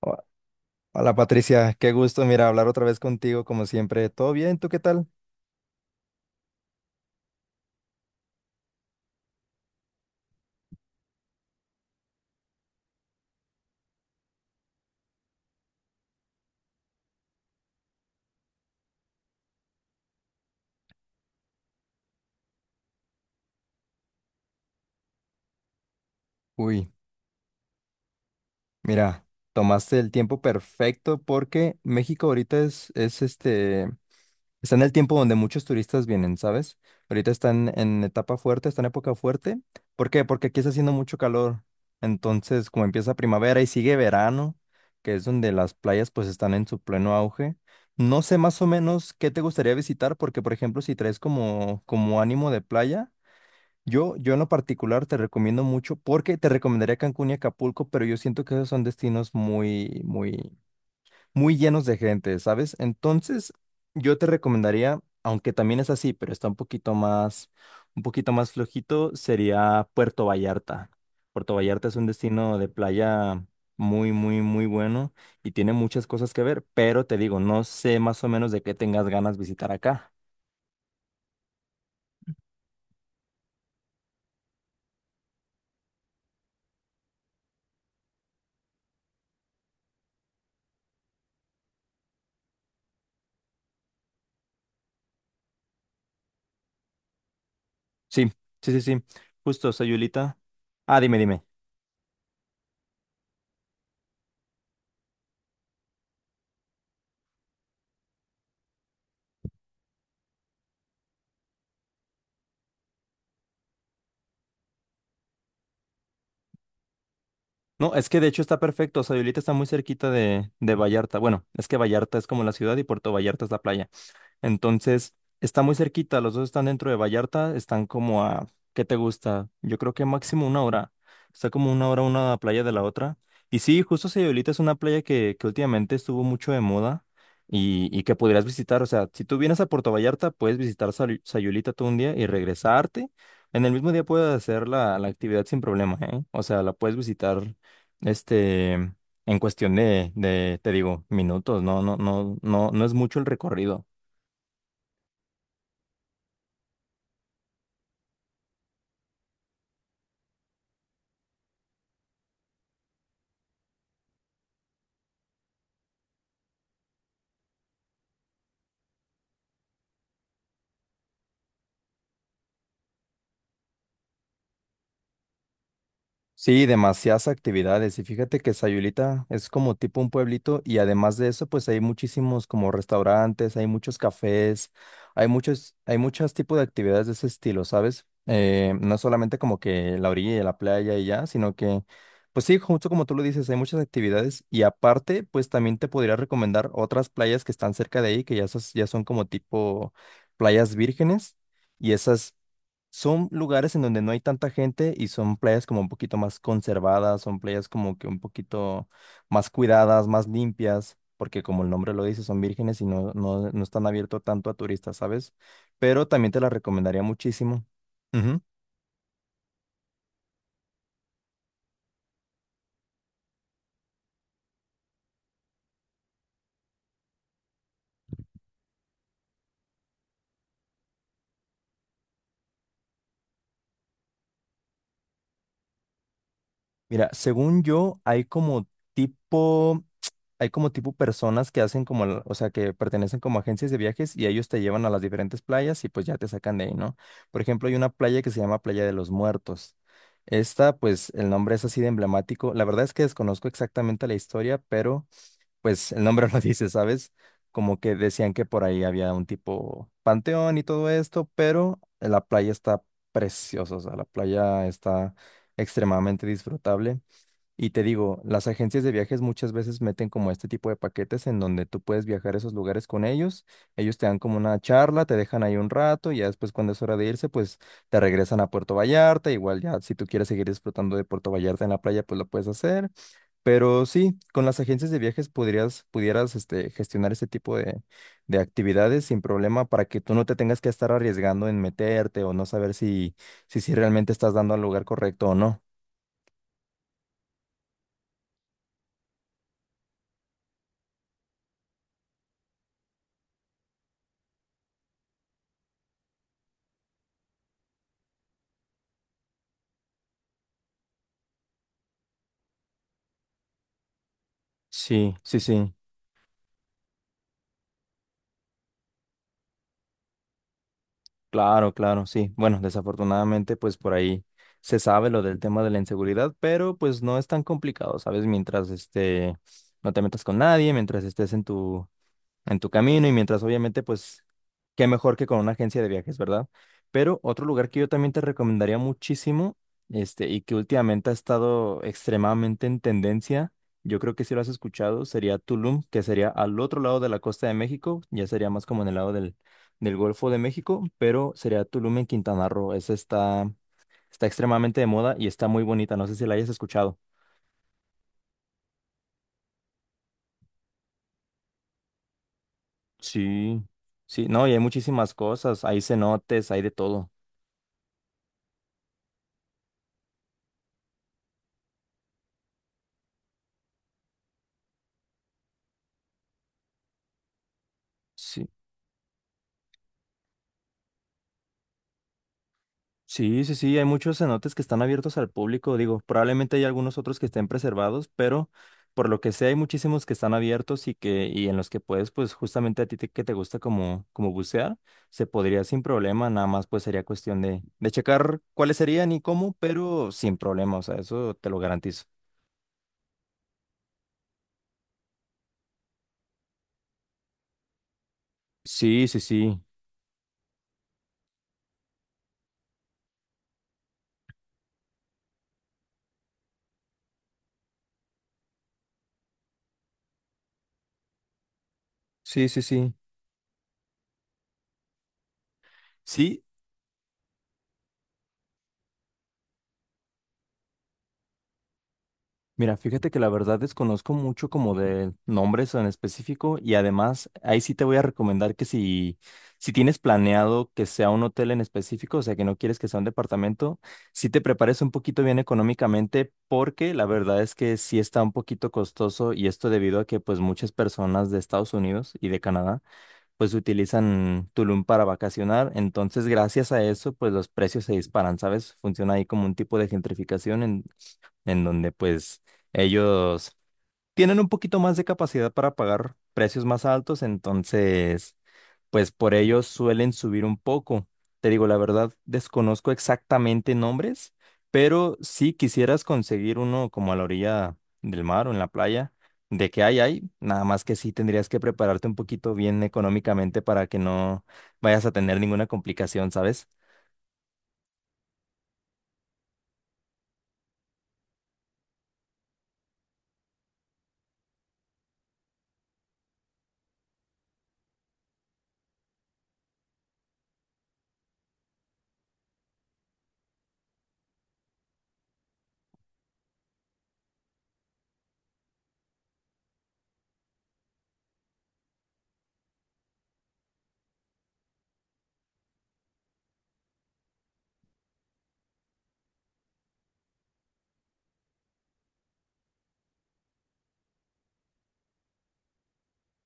Ho- Hola Patricia, qué gusto, mira, hablar otra vez contigo como siempre. ¿Todo bien? ¿Tú qué tal? Uy, mira, tomaste el tiempo perfecto porque México ahorita es, está en el tiempo donde muchos turistas vienen, ¿sabes? Ahorita están en etapa fuerte, está en época fuerte. ¿Por qué? Porque aquí está haciendo mucho calor. Entonces, como empieza primavera y sigue verano, que es donde las playas pues están en su pleno auge. No sé más o menos qué te gustaría visitar, porque por ejemplo, si traes como ánimo de playa. Yo en lo particular te recomiendo mucho porque te recomendaría Cancún y Acapulco, pero yo siento que esos son destinos muy, muy, muy llenos de gente, ¿sabes? Entonces, yo te recomendaría, aunque también es así, pero está un poquito más flojito, sería Puerto Vallarta. Puerto Vallarta es un destino de playa muy, muy, muy bueno y tiene muchas cosas que ver, pero te digo, no sé más o menos de qué tengas ganas visitar acá. Sí, sí, sí, sí. Justo, Sayulita. Ah, dime, dime. No, es que de hecho está perfecto. O sea, Violeta está muy cerquita de Vallarta. Bueno, es que Vallarta es como la ciudad y Puerto Vallarta es la playa. Entonces, está muy cerquita, los dos están dentro de Vallarta, están como a, ¿qué te gusta? Yo creo que máximo una hora. Está como una hora una playa de la otra. Y sí, justo Sayulita es una playa que últimamente estuvo mucho de moda y que podrías visitar. O sea, si tú vienes a Puerto Vallarta, puedes visitar Sayulita todo un día y regresarte. En el mismo día puedes hacer la actividad sin problema, ¿eh? O sea, la puedes visitar, en cuestión de, te digo, minutos. No, no, no, no, no es mucho el recorrido. Sí, demasiadas actividades. Y fíjate que Sayulita es como tipo un pueblito y además de eso, pues hay muchísimos como restaurantes, hay muchos cafés, hay muchos tipos de actividades de ese estilo, ¿sabes? No es solamente como que la orilla de la playa y ya, sino que, pues sí, justo como tú lo dices, hay muchas actividades y aparte, pues también te podría recomendar otras playas que están cerca de ahí, que ya, esas ya son como tipo playas vírgenes. Y esas son lugares en donde no hay tanta gente y son playas como un poquito más conservadas, son playas como que un poquito más cuidadas, más limpias, porque como el nombre lo dice, son vírgenes y no, no, no están abiertos tanto a turistas, ¿sabes? Pero también te las recomendaría muchísimo. Ujú. Mira, según yo, tipo hay como tipo personas que hacen como, o sea, que pertenecen como agencias de viajes y ellos te llevan a las diferentes playas y pues ya te sacan de ahí, ¿no? Por ejemplo, hay una playa que se llama Playa de los Muertos. Esta, pues el nombre es así de emblemático. La verdad es que desconozco exactamente la historia, pero pues el nombre lo dice, ¿sabes? Como que decían que por ahí había un tipo panteón y todo esto, pero la playa está preciosa, o sea, la playa está extremadamente disfrutable. Y te digo, las agencias de viajes muchas veces meten como este tipo de paquetes en donde tú puedes viajar a esos lugares con ellos, ellos te dan como una charla, te dejan ahí un rato y ya después cuando es hora de irse, pues te regresan a Puerto Vallarta, igual ya si tú quieres seguir disfrutando de Puerto Vallarta en la playa, pues lo puedes hacer, pero sí, con las agencias de viajes podrías, pudieras gestionar este tipo de actividades sin problema para que tú no te tengas que estar arriesgando en meterte o no saber si, si realmente estás dando al lugar correcto o no. Sí, sí, sí. Claro, claro, sí. Bueno, desafortunadamente, pues por ahí se sabe lo del tema de la inseguridad, pero pues no es tan complicado, ¿sabes? Mientras no te metas con nadie, mientras estés en tu camino y mientras obviamente pues qué mejor que con una agencia de viajes, ¿verdad? Pero otro lugar que yo también te recomendaría muchísimo, y que últimamente ha estado extremadamente en tendencia, yo creo que si lo has escuchado, sería Tulum, que sería al otro lado de la costa de México, ya sería más como en el lado del Golfo de México, pero sería Tulum en Quintana Roo. Esa está extremadamente de moda y está muy bonita, no sé si la hayas escuchado. Sí, sí, no, y hay muchísimas cosas, hay cenotes, hay de todo. Sí. Sí, sí, sí, hay muchos cenotes que están abiertos al público, digo, probablemente hay algunos otros que estén preservados, pero por lo que sé hay muchísimos que están abiertos y que y en los que puedes pues justamente a ti que te gusta como bucear, se podría sin problema, nada más pues sería cuestión de checar cuáles serían y cómo, pero sin problema, o sea, eso te lo garantizo. Sí, sí, sí. Sí, sí, sí. Sí, mira, fíjate que la verdad desconozco mucho como de nombres en específico y además ahí sí te voy a recomendar que si tienes planeado que sea un hotel en específico, o sea que no quieres que sea un departamento, sí te prepares un poquito bien económicamente porque la verdad es que sí está un poquito costoso y esto debido a que pues muchas personas de Estados Unidos y de Canadá pues utilizan Tulum para vacacionar, entonces gracias a eso pues los precios se disparan, ¿sabes? Funciona ahí como un tipo de gentrificación en donde pues ellos tienen un poquito más de capacidad para pagar precios más altos, entonces pues por ellos suelen subir un poco. Te digo, la verdad, desconozco exactamente nombres, pero si quisieras conseguir uno como a la orilla del mar o en la playa, de que hay, nada más que sí tendrías que prepararte un poquito bien económicamente para que no vayas a tener ninguna complicación, ¿sabes?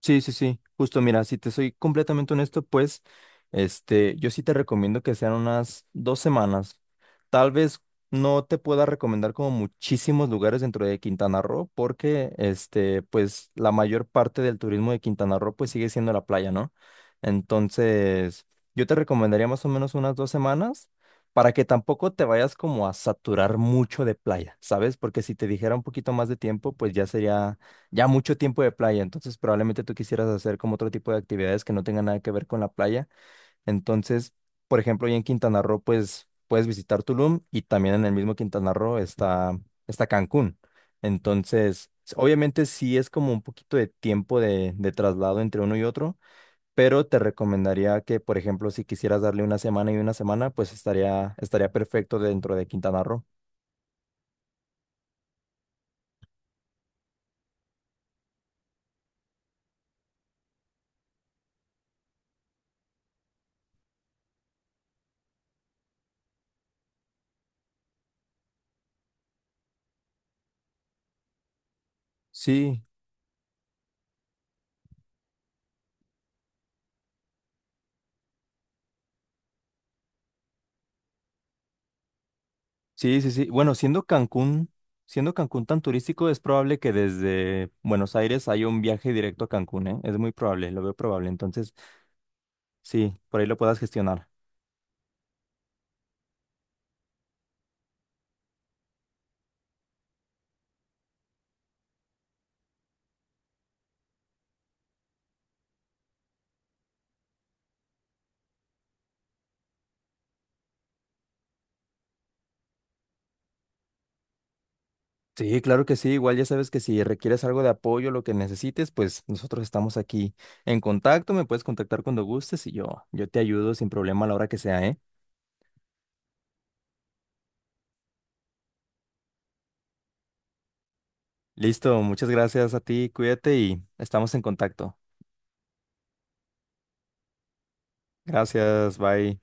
Sí, sí, sí, justo mira, si te soy completamente honesto, pues yo sí te recomiendo que sean unas 2 semanas. Tal vez no te pueda recomendar como muchísimos lugares dentro de Quintana Roo, porque pues la mayor parte del turismo de Quintana Roo pues sigue siendo la playa, ¿no? Entonces, yo te recomendaría más o menos unas 2 semanas para que tampoco te vayas como a saturar mucho de playa, ¿sabes? Porque si te dijera un poquito más de tiempo, pues ya sería ya mucho tiempo de playa, entonces probablemente tú quisieras hacer como otro tipo de actividades que no tengan nada que ver con la playa. Entonces, por ejemplo, ya en Quintana Roo, pues puedes visitar Tulum y también en el mismo Quintana Roo está Cancún. Entonces, obviamente sí es como un poquito de tiempo de traslado entre uno y otro, pero te recomendaría que, por ejemplo, si quisieras darle una semana y una semana, pues estaría perfecto dentro de Quintana Roo. Sí. Sí, sí, sí. Bueno, siendo Cancún tan turístico, es probable que desde Buenos Aires haya un viaje directo a Cancún, ¿eh? Es muy probable, lo veo probable. Entonces, sí, por ahí lo puedas gestionar. Sí, claro que sí. Igual ya sabes que si requieres algo de apoyo, lo que necesites, pues nosotros estamos aquí en contacto. Me puedes contactar cuando gustes y yo te ayudo sin problema a la hora que sea, ¿eh? Listo, muchas gracias a ti, cuídate y estamos en contacto. Gracias, bye.